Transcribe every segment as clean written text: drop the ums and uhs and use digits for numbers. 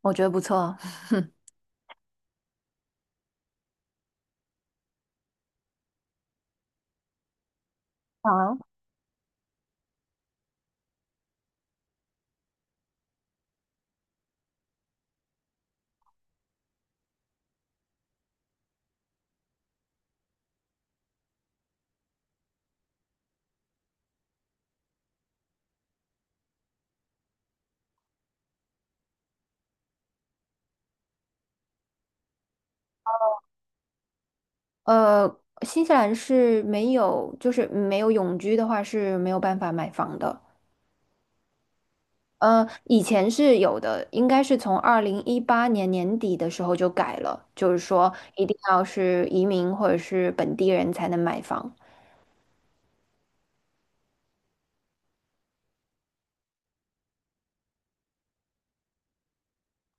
我觉得不错。好，呃，新西兰是没有，就是没有永居的话是没有办法买房的。以前是有的，应该是从2018年年底的时候就改了，就是说一定要是移民或者是本地人才能买房，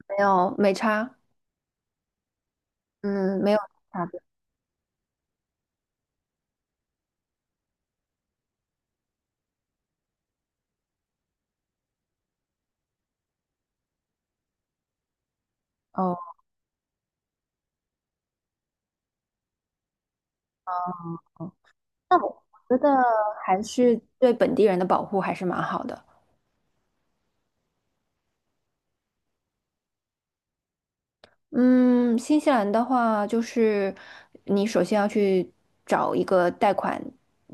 没有没差，嗯，没有差别。哦，那我觉得还是对本地人的保护还是蛮好的。嗯，新西兰的话，就是你首先要去找一个贷款，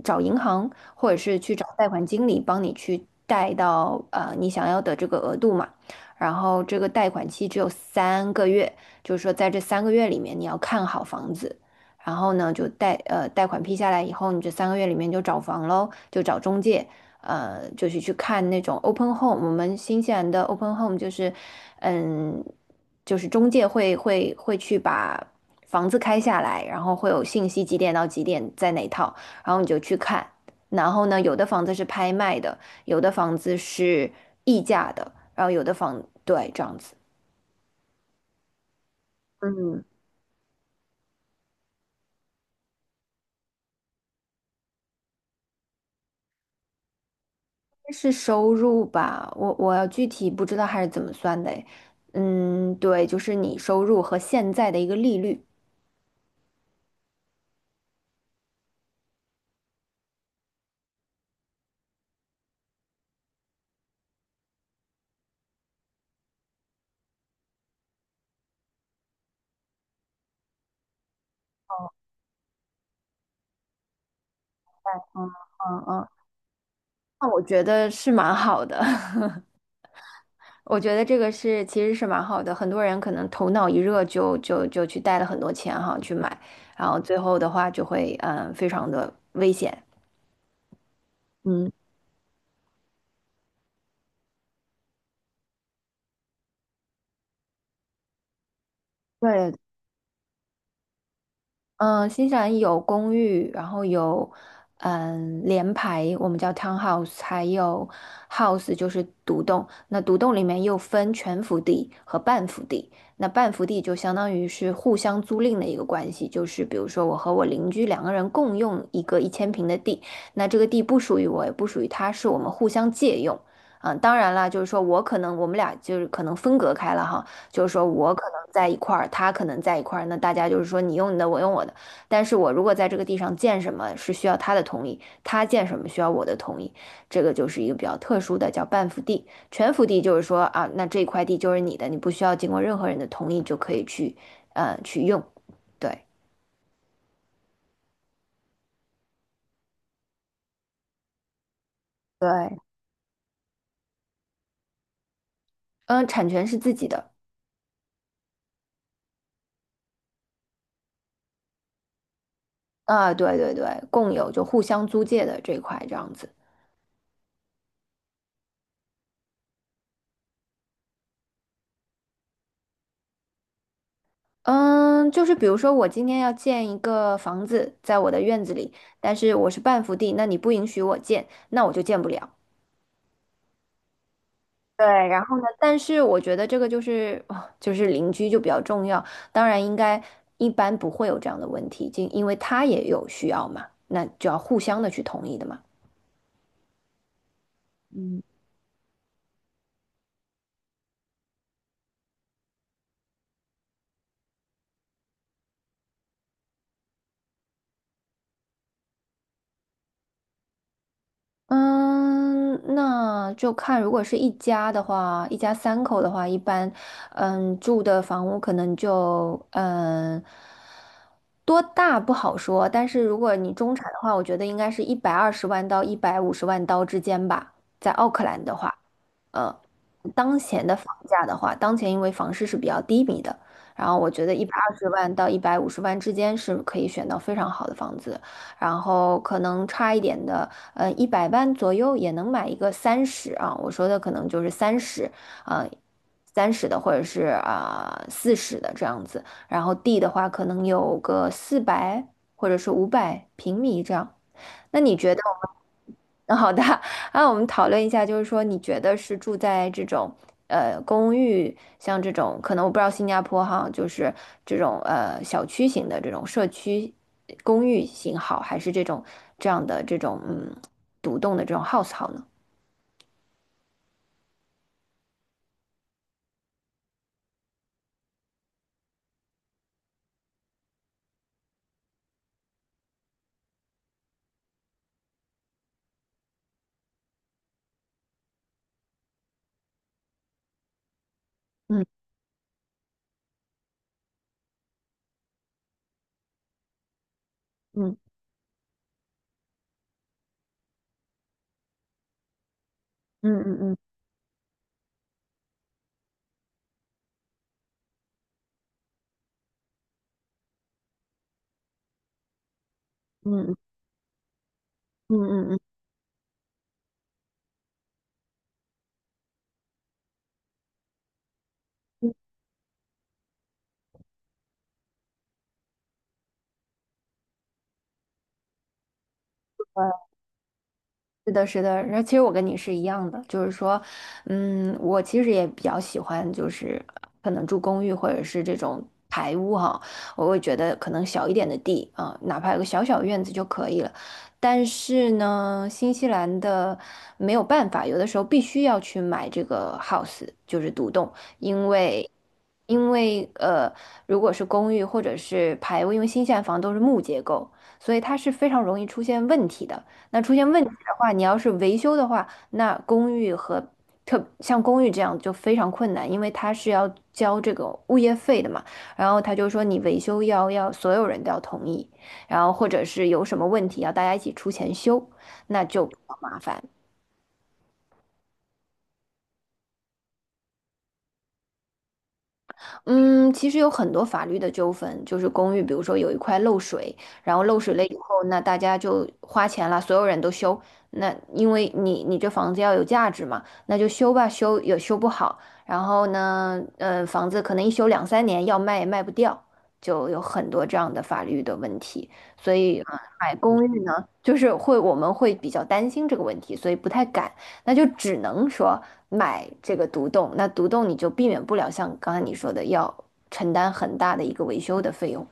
找银行，或者是去找贷款经理帮你去贷到你想要的这个额度嘛。然后这个贷款期只有三个月，就是说在这三个月里面你要看好房子，然后呢就贷款批下来以后，你这三个月里面就找房喽，就找中介，就是去看那种 open home，我们新西兰的 open home 就是，嗯，就是中介会去把房子开下来，然后会有信息几点到几点在哪套，然后你就去看。然后呢，有的房子是拍卖的，有的房子是溢价的，然后有的房，对，这样子。嗯，是收入吧，我我要具体不知道还是怎么算的诶嗯，对，就是你收入和现在的一个利率。嗯嗯嗯。那我觉得是蛮好的，我觉得这个是其实是蛮好的。很多人可能头脑一热就去带了很多钱哈去买，然后最后的话就会嗯非常的危险。嗯，对嗯，新西兰有公寓，然后有嗯联排，我们叫 townhouse，还有 house 就是独栋。那独栋里面又分全幅地和半幅地。那半幅地就相当于是互相租赁的一个关系，就是比如说我和我邻居两个人共用一个1000平的地，那这个地不属于我，也不属于他，是我们互相借用。嗯，当然啦，就是说我可能我们俩就是可能分隔开了哈。就是说我可能在一块儿，他可能在一块儿，那大家就是说你用你的，我用我的。但是我如果在这个地上建什么是需要他的同意，他建什么需要我的同意，这个就是一个比较特殊的叫半幅地。全幅地就是说啊，那这块地就是你的，你不需要经过任何人的同意就可以去，去用。对对，嗯，产权是自己的啊，对对对，共有就互相租借的这一块这样子。嗯，就是比如说，我今天要建一个房子在我的院子里，但是我是半幅地，那你不允许我建，那我就建不了。对，然后呢，但是我觉得这个就是哦就是邻居就比较重要，当然应该一般不会有这样的问题，就因为他也有需要嘛，那就要互相的去同意的嘛。嗯，那就看，如果是一家的话，一家三口的话，一般，嗯，住的房屋可能就，嗯，多大不好说，但是如果你中产的话，我觉得应该是120万到150万刀之间吧，在奥克兰的话，呃，当前的房价的话，当前因为房市是比较低迷的，然后我觉得一百二十万到一百五十万之间是可以选到非常好的房子，然后可能差一点的。100万左右也能买一个三十啊，我说的可能就是三十，啊，三十的或者是啊四十的这样子，然后地的话可能有个400或者是500平米这样。那你觉得我们，嗯好的，啊，我们讨论一下，就是说，你觉得是住在这种公寓，像这种可能我不知道新加坡哈，就是这种小区型的这种社区公寓型好，还是这种这样的这种嗯独栋的这种 house 好呢？嗯嗯嗯嗯嗯嗯嗯嗯嗯嗯，嗯是的，是的，然后其实我跟你是一样的，就是说，嗯，我其实也比较喜欢，就是可能住公寓或者是这种排屋哈，我会觉得可能小一点的地啊，哪怕有个小小院子就可以了。但是呢，新西兰的没有办法，有的时候必须要去买这个 house，就是独栋，因为。因为如果是公寓或者是排屋，因为新西兰房都是木结构，所以它是非常容易出现问题的。那出现问题的话，你要是维修的话，那公寓和特像公寓这样就非常困难，因为它是要交这个物业费的嘛。然后他就说你维修要所有人都要同意，然后或者是有什么问题要大家一起出钱修，那就比较麻烦。嗯，其实有很多法律的纠纷，就是公寓，比如说有一块漏水，然后漏水了以后，那大家就花钱了，所有人都修。那因为你这房子要有价值嘛，那就修吧，修也修不好。然后呢，房子可能一修两三年，要卖也卖不掉，就有很多这样的法律的问题。所以，呃买公寓呢，就是会我们会比较担心这个问题，所以不太敢。那就只能说买这个独栋。那独栋你就避免不了像刚才你说的要承担很大的一个维修的费用。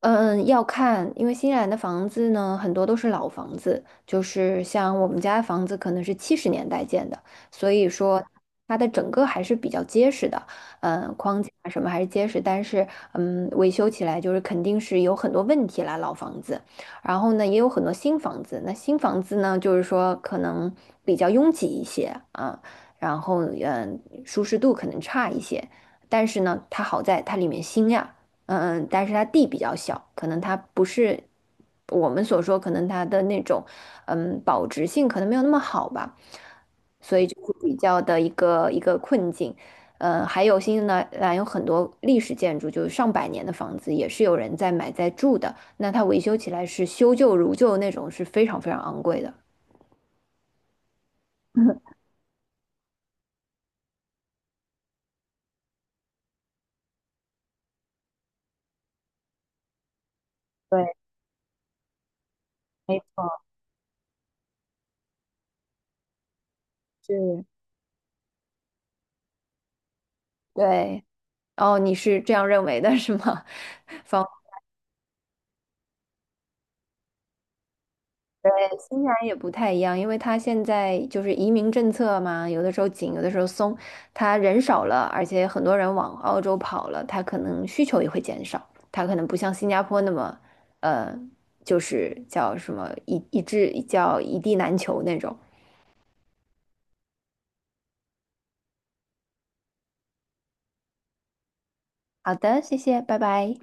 嗯，要看，因为新西兰的房子呢，很多都是老房子，就是像我们家的房子可能是70年代建的，所以说它的整个还是比较结实的，嗯，框架啊什么还是结实，但是嗯，维修起来就是肯定是有很多问题啦，老房子，然后呢也有很多新房子，那新房子呢就是说可能比较拥挤一些啊，然后嗯，舒适度可能差一些，但是呢它好在它里面新呀。嗯嗯但是它地比较小，可能它不是我们所说，可能它的那种嗯保值性可能没有那么好吧，所以就是比较的一个一个困境。还有新西兰有很多历史建筑，就是上百年的房子，也是有人在买在住的。那它维修起来是修旧如旧那种，是非常非常昂贵的。对，是。对，哦，你是这样认为的是吗？新西兰也不太一样，因为它现在就是移民政策嘛，有的时候紧，有的时候松。它人少了，而且很多人往澳洲跑了，它可能需求也会减少。它可能不像新加坡那么，呃，就是叫什么一致叫一地难求那种。好的，谢谢，拜拜。